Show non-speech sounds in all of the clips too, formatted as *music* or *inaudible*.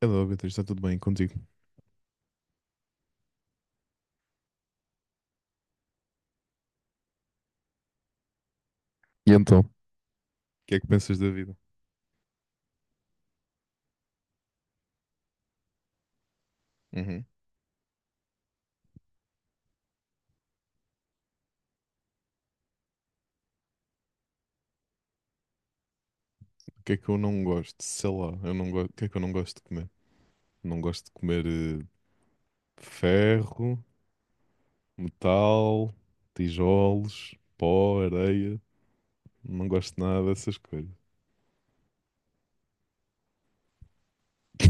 Hello, Beatriz, está tudo bem contigo? O E então? Que é que pensas da vida? Uhum. O que é que eu não gosto? Sei lá, eu não gosto. O que é que eu não gosto de comer? Não gosto de comer ferro, metal, tijolos, pó, areia. Não gosto de nada dessas coisas.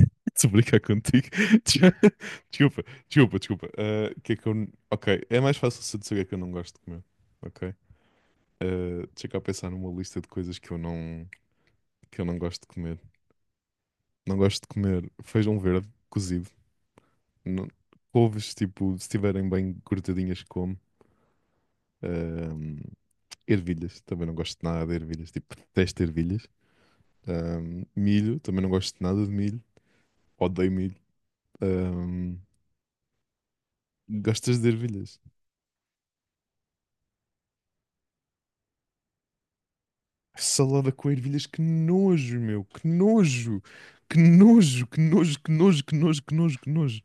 *laughs* Se brincar contigo. *laughs* já- Desculpa, desculpa, desculpa. Ah, o que é que eu. Ok, é mais fácil se eu dizer o que é que eu não gosto de comer. Ok? Ah, deixa eu cá pensar numa lista de coisas que eu não gosto de comer. Não gosto de comer feijão verde cozido. não- Couves, tipo, se estiverem bem cortadinhas, como. Ahm, Ervilhas, também não gosto de nada de ervilhas, tipo, detesto ervilhas. Milho, também não gosto de nada de milho, odeio milho. Ahm, Gostas de ervilhas? Salada com ervilhas, que nojo, meu, que nojo, que nojo, que nojo, que nojo, que nojo, que nojo, que nojo.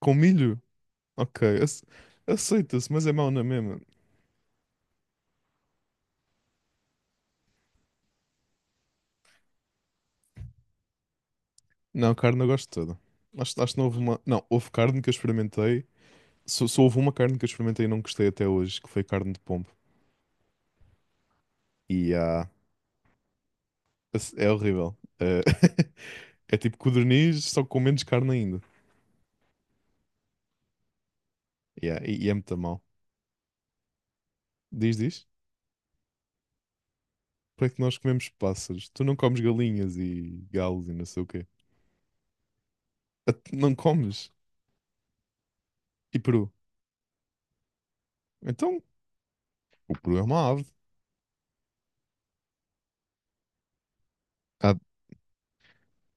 Com milho? Ok, aceita-se, mas é mau na mesma. Não, carne eu gosto toda. Acho que não houve uma. Não, houve carne que eu experimentei. Só houve uma carne que eu experimentei e não gostei até hoje, que foi carne de pombo. E é horrível. *laughs* É tipo codorniz, só com menos carne ainda. Yeah, e é muito mal. Diz, diz? Para que nós comemos pássaros? Tu não comes galinhas e galos e não sei o quê. Ah, tu não comes? E peru? Então, o peru é uma ave. Ah,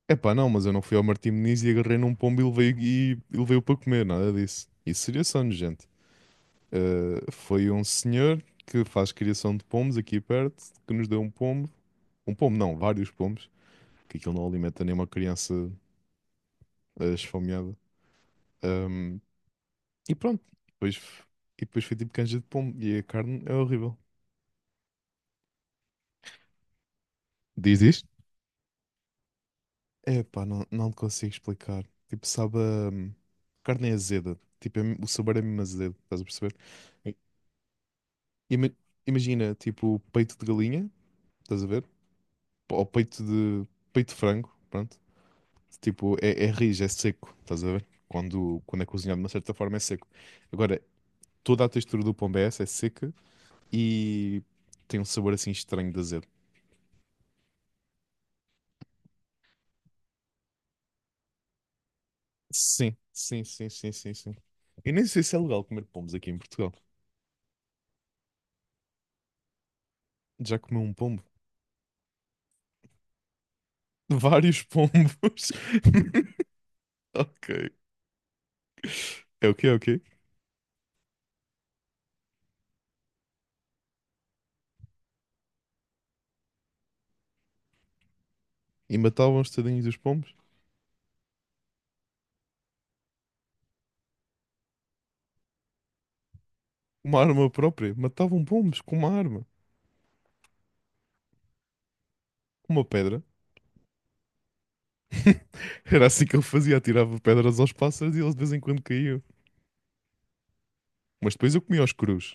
epá, não, mas eu não fui ao Martim Moniz e agarrei num pombo e levei, e levei-o para comer, nada disso. Isso seria só nojento. Foi um senhor que faz criação de pombos aqui perto, que nos deu um pombo. Um pombo, não, vários pombos, que aquilo não alimenta nenhuma criança esfomeada. Um, e pronto, depois, e depois foi tipo canja de pombo. E a carne é horrível. Diz isto? É pá, não, não te consigo explicar. Tipo, sabe, a carne é azeda. Tipo, o sabor é mesmo azedo, estás a perceber? I- Ima- Imagina, tipo, peito de galinha, estás a ver? Ou peito de frango, pronto. Tipo, é rijo, é seco, estás a ver? Quando é cozinhado de uma certa forma é seco. Agora, toda a textura do pombo é essa, é seca e tem um sabor assim estranho de azedo. Sim, sim, sim, sim, sim, sim. Eu nem sei se é legal comer pombos aqui em Portugal. Já comeu um pombo? Vários pombos. *laughs* Ok. É o quê? É o quê? E matavam os tadinhos dos pombos? Uma arma própria. Matavam pombos com uma arma. Com uma pedra. *laughs* Era assim que ele fazia. Atirava pedras aos pássaros e eles de vez em quando caíam. Mas depois eu comi aos crus.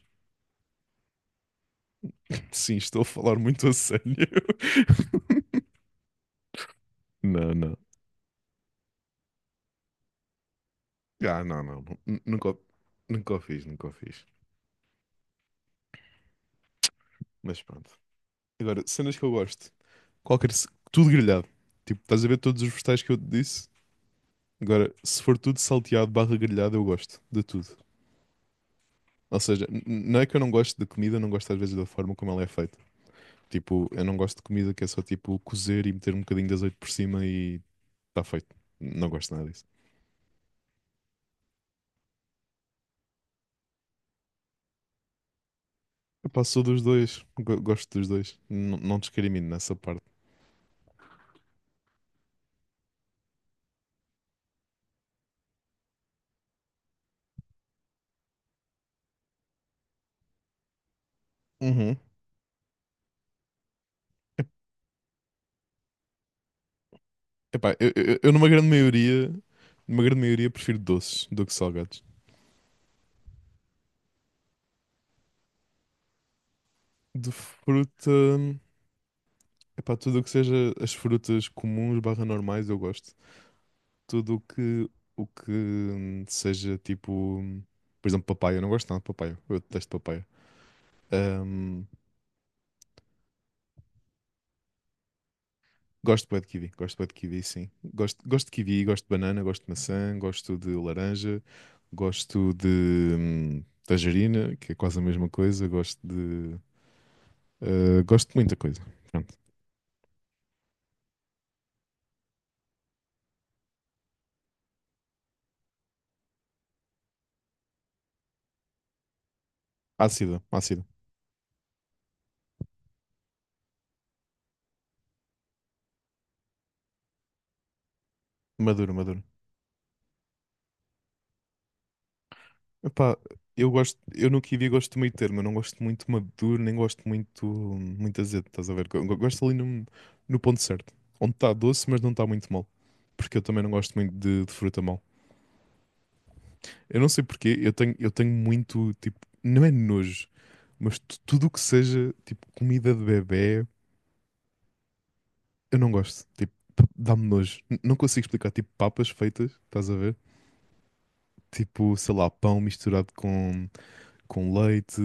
*laughs* Sim, estou a falar muito a sério. *laughs* Não, não. Ah, não, não. Nunca, nunca o fiz, nunca o fiz. Mas pronto. Agora, cenas que eu gosto. Qualquer. Tudo grelhado. Tipo, estás a ver todos os vegetais que eu te disse? Agora, se for tudo salteado barra grelhado, eu gosto de tudo. Ou seja, não é que eu não gosto de comida, não gosto às vezes da forma como ela é feita. Tipo, eu não gosto de comida que é só tipo cozer e meter um bocadinho de azeite por cima e está feito. Não gosto nada disso. Epá, sou dos dois. Gosto dos dois. Não discrimino nessa parte. Uhum. Ep- Epá, eu numa grande maioria prefiro doces do que salgados. De fruta, epá, tudo o que seja as frutas comuns barra normais eu gosto. Tudo o que seja tipo, por exemplo, papaya. Eu não gosto nada de papaya. Eu detesto papaya. Hum, Gosto bué de kiwi, gosto bué de kiwi, sim. Gosto de kiwi, gosto de banana, gosto de maçã, gosto de laranja, gosto de tangerina, que é quase a mesma coisa. Gosto de. Gosto de muita coisa. Pronto. Ácida, ácida. Maduro, maduro. Epá, eu no kiwi gosto do meio termo, eu não gosto muito maduro, nem gosto muito, muito azedo, estás a ver? Gosto ali no, no ponto certo, onde está doce, mas não está muito mal, porque eu também não gosto muito de fruta mal. Eu não sei porquê, eu tenho, muito, tipo, não é nojo, mas tudo o que seja, tipo, comida de bebé, eu não gosto. Tipo, dá-me nojo. Não consigo explicar, tipo, papas feitas, estás a ver? Tipo, sei lá, pão misturado com leite,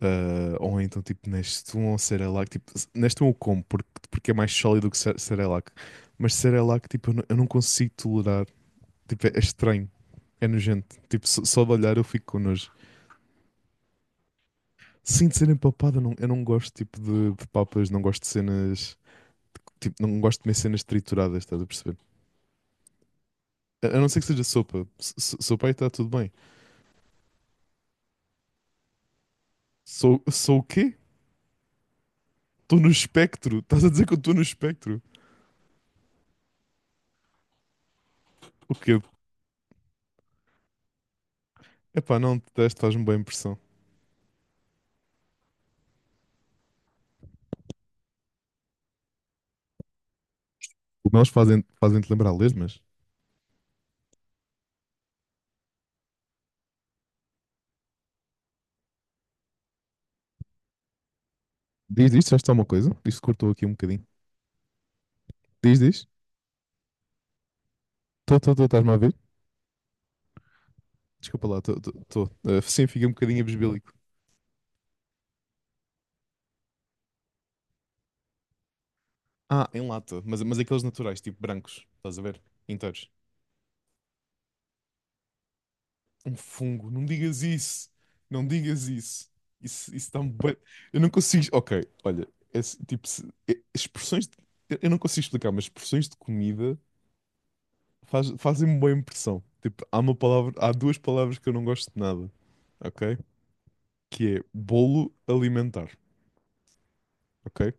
ou então, tipo, Nestum ou Cerelac. Tipo, Nestum eu como, porque é mais sólido que Cerelac. Mas Cerelac, tipo, eu não consigo tolerar. Tipo, é estranho, é nojento. Tipo, só de olhar eu fico com nojo. Sim, de cena empapada, não, eu não gosto tipo de papas, não gosto de cenas. Tipo, não gosto de comer cenas trituradas, estás a perceber? A não ser que seja sopa. Sopa aí está tudo bem. Sou o quê? Estou no espectro. Estás a dizer que eu estou no espectro? O quê? Epá, não, detesto, faz-me boa impressão. Nós fazem-te lembrar lesmas? Diz, diz, faz-te alguma coisa? Isto cortou aqui um bocadinho. Diz, diz. Estou, estás-me a ver? Desculpa lá, estou. Ah, sim, fiquei um bocadinho abisbélico. Ah, em lata, mas aqueles naturais, tipo brancos, estás a ver? Inteiros. Um fungo, não digas isso. Não digas isso. Isso dá-me. Eu não consigo. Ok, olha, esse, tipo, expressões. Eu não consigo explicar, mas expressões de comida fazem-me boa impressão. Tipo, há uma palavra, há duas palavras que eu não gosto de nada, ok? Que é bolo alimentar, ok?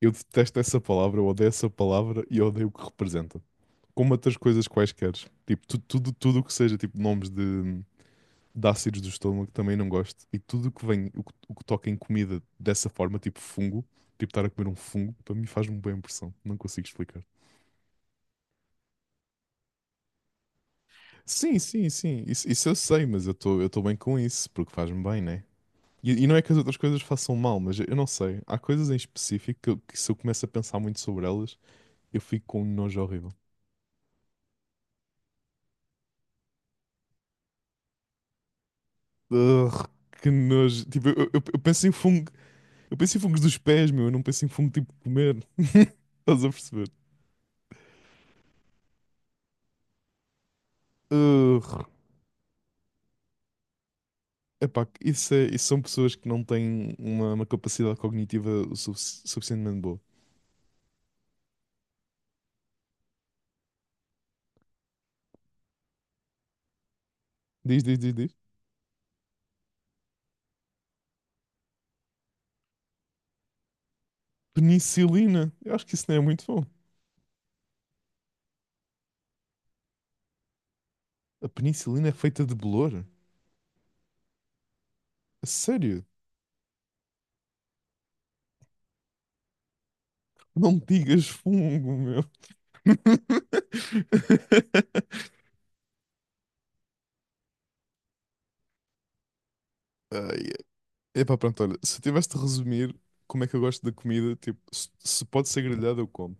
Eu detesto essa palavra, eu odeio essa palavra e eu odeio o que representa. Como outras coisas quaisquer. Tipo, tudo o que seja, tipo, nomes de, ácidos do estômago também não gosto. E tudo o que vem, o que toca em comida dessa forma, tipo fungo, tipo estar a comer um fungo, para mim faz-me bem impressão. Não consigo explicar. Sim, sim, sim. Isso eu sei, mas eu estou bem com isso, porque faz-me bem, né? E não é que as outras coisas façam mal, mas eu não sei. Há coisas em específico que, que se eu começo a pensar muito sobre elas, eu fico com um nojo horrível. Ugh, que nojo. Tipo, eu penso em fungo. Eu penso em fungos dos pés, meu. Eu não penso em fungo tipo de comer. *laughs* Estás a perceber? Urgh. Epá, isso, isso são pessoas que não têm uma capacidade cognitiva o suficientemente boa. Diz, diz, diz, diz. Penicilina. Eu acho que isso não é muito bom. A penicilina é feita de bolor? A sério? Não digas fungo, meu. *laughs* Ai. Epá, pronto, olha. Se eu tivesse de resumir como é que eu gosto da comida, tipo, se pode ser grelhada, eu como.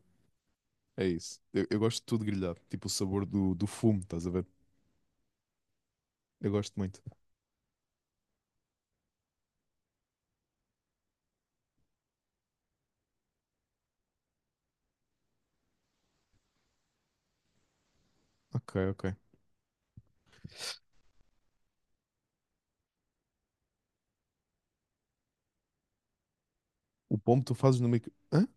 É isso. Eu gosto de tudo grelhado. Tipo o sabor do fumo, estás a ver? Eu gosto muito. Ok, ok. O pombo tu fazes no micro. Hã?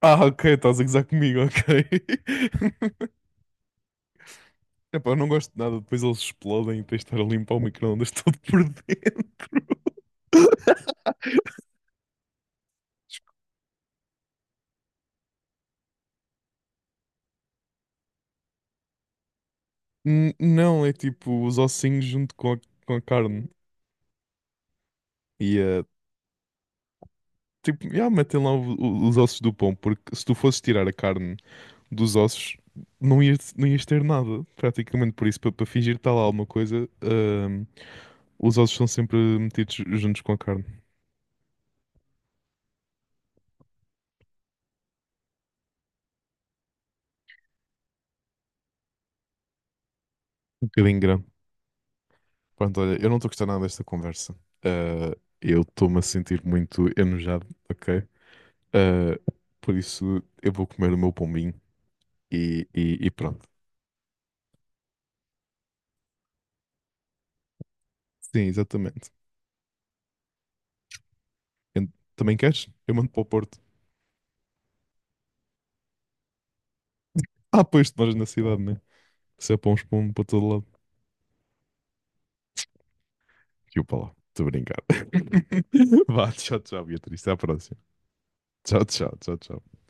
Ah, ok, estás a gozar comigo, ok. *laughs* Epá, eu não gosto de nada, depois eles explodem e tens de estar a limpar o micro-ondas *laughs* todo por dentro. Não, é tipo os ossinhos junto com a carne. E tipo, já metem lá os ossos do pão porque se tu fosses tirar a carne dos ossos, não ias ter nada, praticamente. Por isso, para fingir que está lá alguma coisa, os ossos são sempre metidos juntos com a carne. Um bocadinho grande. Pronto, olha, eu não estou a gostar nada desta conversa. Ah, eu estou-me a sentir muito enojado, ok? Ah, por isso, eu vou comer o meu pombinho e pronto. Sim, exatamente. Também queres? Eu mando para o Porto. Ah, pois, tu moras na cidade, né? Se é para uns pombo para todo lado. E eu para lá. Estou a brincar. *laughs* Vá, tchau, tchau, Beatriz. Até à próxima. Tchau, tchau, tchau, tchau.